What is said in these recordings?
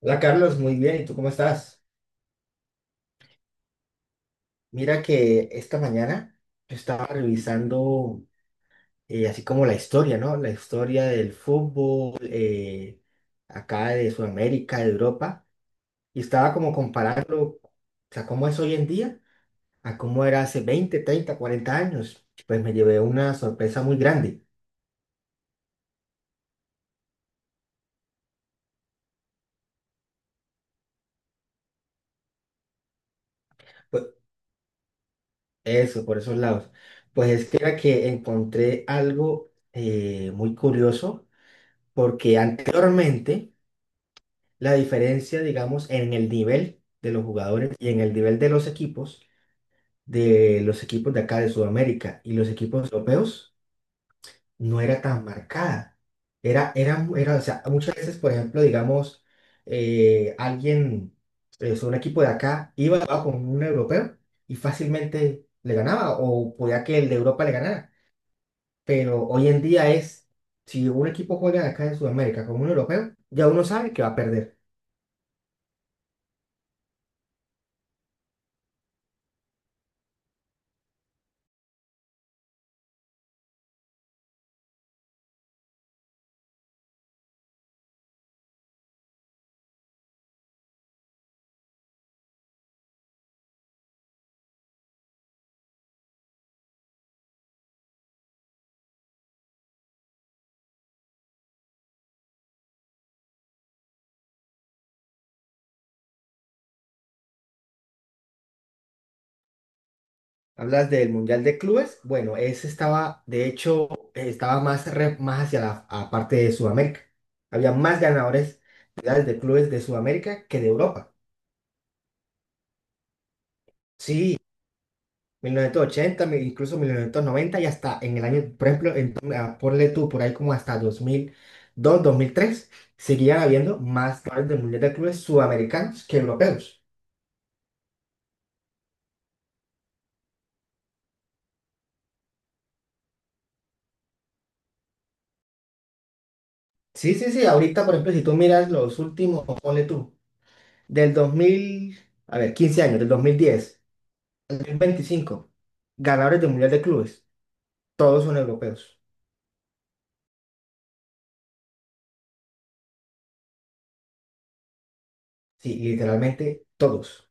Hola Carlos, muy bien. ¿Y tú cómo estás? Mira que esta mañana yo estaba revisando así como la historia, ¿no? La historia del fútbol, acá de Sudamérica, de Europa, y estaba como comparando, o sea, cómo es hoy en día a cómo era hace 20, 30, 40 años. Pues me llevé una sorpresa muy grande. Pues eso, por esos lados. Pues es que era que encontré algo muy curioso, porque anteriormente la diferencia, digamos, en el nivel de los jugadores y en el nivel de los equipos, de los equipos de acá de Sudamérica y los equipos europeos, no era tan marcada. Era, o sea, muchas veces, por ejemplo, digamos, eh, alguien, o sea, un equipo de acá iba a jugar con un europeo y fácilmente le ganaba o podía que el de Europa le ganara. Pero hoy en día es, si un equipo juega de acá de Sudamérica con un europeo, ya uno sabe que va a perder. Hablas del Mundial de Clubes. Bueno, ese estaba, de hecho, estaba más, más hacia la a parte de Sudamérica. Había más ganadores mundiales de clubes de Sudamérica que de Europa. Sí, 1980, incluso 1990 y hasta en el año, por ejemplo, en, ah, ponle tú por ahí como hasta 2000 dos, dos mil tres seguían habiendo más ganadores del Mundial de Clubes sudamericanos que europeos. Sí, sí, sí. Ahorita, por ejemplo, si tú miras los últimos, ponle tú, del 2000, a ver, 15 años, del 2010 25 ganadores de Mundial de Clubes, todos son europeos. Sí, literalmente todos.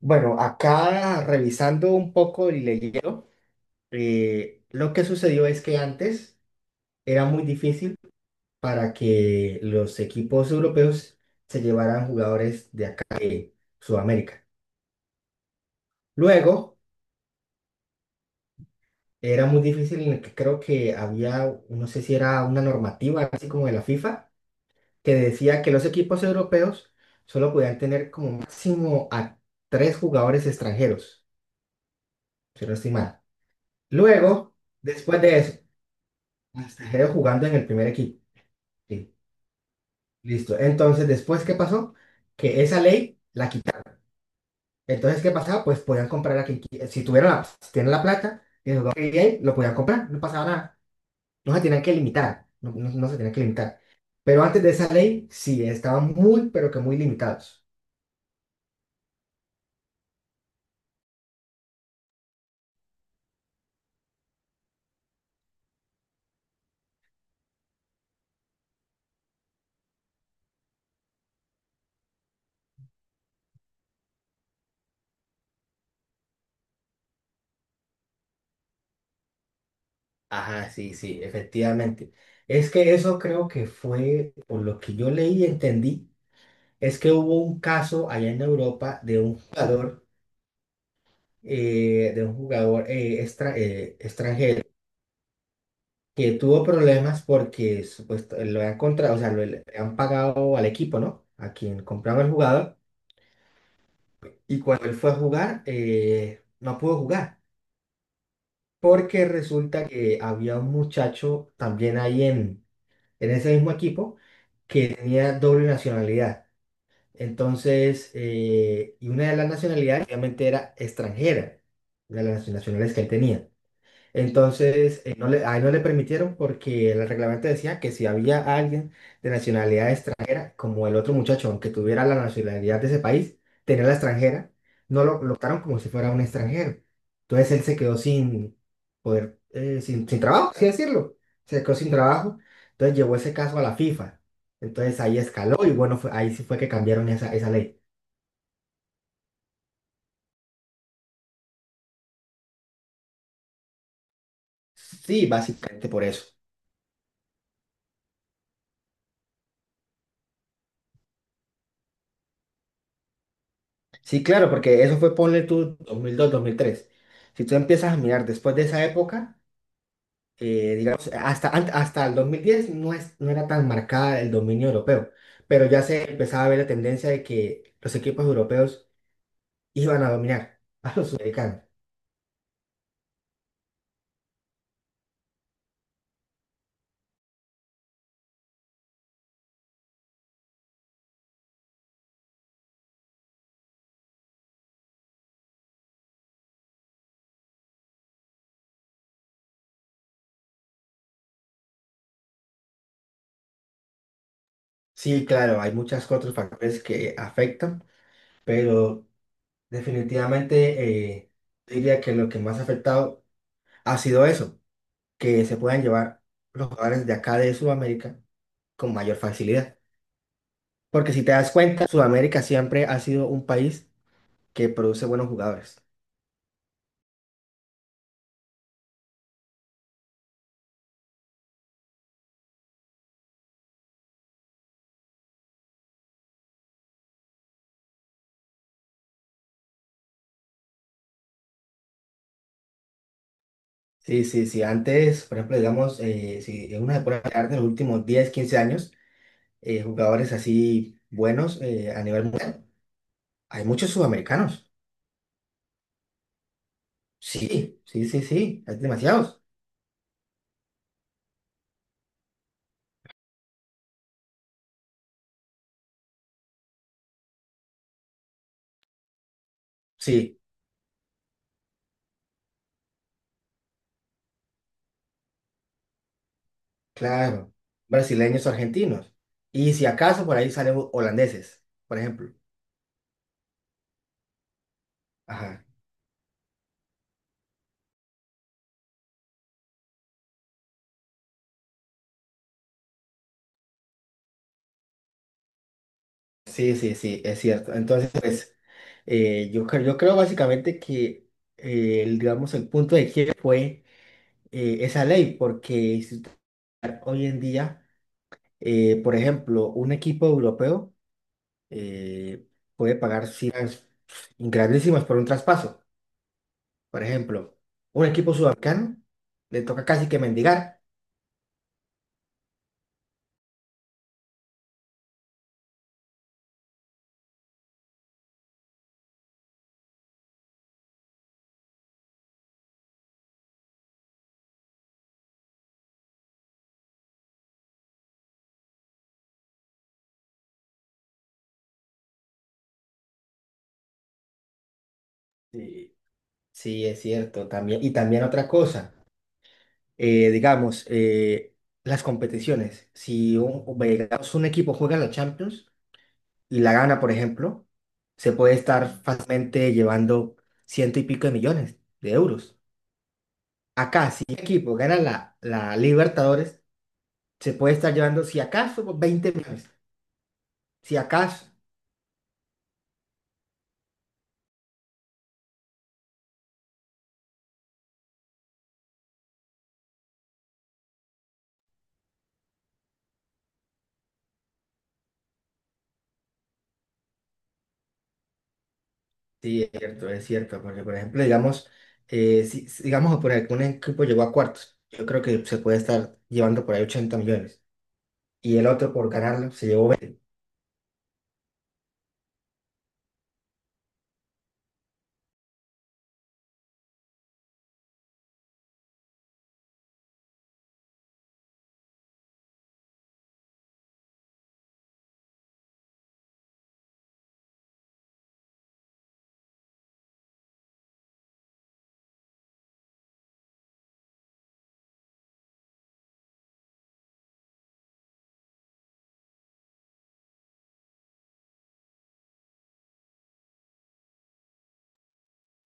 Bueno, acá revisando un poco y leyendo, lo que sucedió es que antes era muy difícil para que los equipos europeos se llevaran jugadores de acá de Sudamérica. Luego era muy difícil en el que creo que había, no sé si era una normativa así como de la FIFA que decía que los equipos europeos solo podían tener como máximo a tres jugadores extranjeros, si no estoy mal. Luego, después de eso, extranjeros jugando en el primer equipo. Sí, listo. Entonces, después, ¿qué pasó? Que esa ley la quitaron. Entonces, ¿qué pasaba? Pues podían comprar a quien si tuvieron la, si tienen la plata, bien, lo podían comprar, no pasaba nada. No se tenían que limitar, no, no se tenían que limitar. Pero antes de esa ley, sí, estaban muy, pero que muy limitados. Ajá, sí, sí, efectivamente. Es que eso creo que fue, por lo que yo leí y entendí, es que hubo un caso allá en Europa de un jugador extranjero que tuvo problemas porque supuesto, lo han contratado, o sea, le han pagado al equipo, ¿no? A quien compraba el jugador. Y cuando él fue a jugar, no pudo jugar, porque resulta que había un muchacho también ahí en ese mismo equipo que tenía doble nacionalidad. Entonces, y una de las nacionalidades obviamente era extranjera, una de las nacionalidades que él tenía. Entonces, no le, ahí no le permitieron porque el reglamento decía que si había alguien de nacionalidad extranjera, como el otro muchacho, aunque tuviera la nacionalidad de ese país, tenía la extranjera, no lo colocaron como si fuera un extranjero. Entonces él se quedó sin poder, sin, sin trabajo, así decirlo. Se quedó sin trabajo. Entonces llevó ese caso a la FIFA. Entonces ahí escaló y bueno, ahí sí fue que cambiaron esa, esa ley. Sí, básicamente por eso. Sí, claro, porque eso fue, ponle tú, 2002, dos mil tres. Si tú empiezas a mirar después de esa época, digamos, hasta, hasta el 2010 no, es, no era tan marcada el dominio europeo, pero ya se empezaba a ver la tendencia de que los equipos europeos iban a dominar a los sudamericanos. Sí, claro, hay muchos otros factores que afectan, pero definitivamente, diría que lo que más ha afectado ha sido eso, que se puedan llevar los jugadores de acá de Sudamérica con mayor facilidad. Porque si te das cuenta, Sudamérica siempre ha sido un país que produce buenos jugadores. Sí, sí, sí. Antes, por ejemplo, digamos, si uno una pone a de los últimos diez, 15 años, jugadores así buenos, a nivel mundial, hay muchos sudamericanos. Sí, sí, sí, sí. Hay demasiados. Sí, claro. Brasileños, argentinos. Y si acaso por ahí salen holandeses, por ejemplo. Ajá. Sí, sí, sí, es cierto. Entonces, pues, yo creo básicamente que el, digamos, el punto de quiebre fue, esa ley, porque si usted hoy en día, por ejemplo, un equipo europeo eh, puede pagar cifras grandísimas por un traspaso. Por ejemplo, un equipo sudamericano le toca casi que mendigar. Sí, sí, es cierto. También, y también otra cosa, digamos, las competiciones. Si un, digamos, un equipo juega la Champions, y la gana, por ejemplo, se puede estar fácilmente llevando ciento y pico de millones de euros. Acá, si un equipo gana la, la Libertadores, se puede estar llevando, si acaso, pues, 20 millones. Si acaso, sí, es cierto, porque por ejemplo, digamos, digamos, por ejemplo, un equipo llegó a cuartos, yo creo que se puede estar llevando por ahí 80 millones. Y el otro por ganarlo se llevó.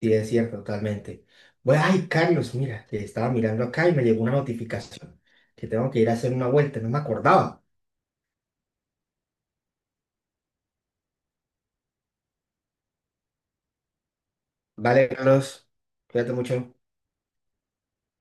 Sí, es cierto, totalmente. Bueno, ay, Carlos, mira, que estaba mirando acá y me llegó una notificación que tengo que ir a hacer una vuelta, no me acordaba. Vale, Carlos, cuídate mucho.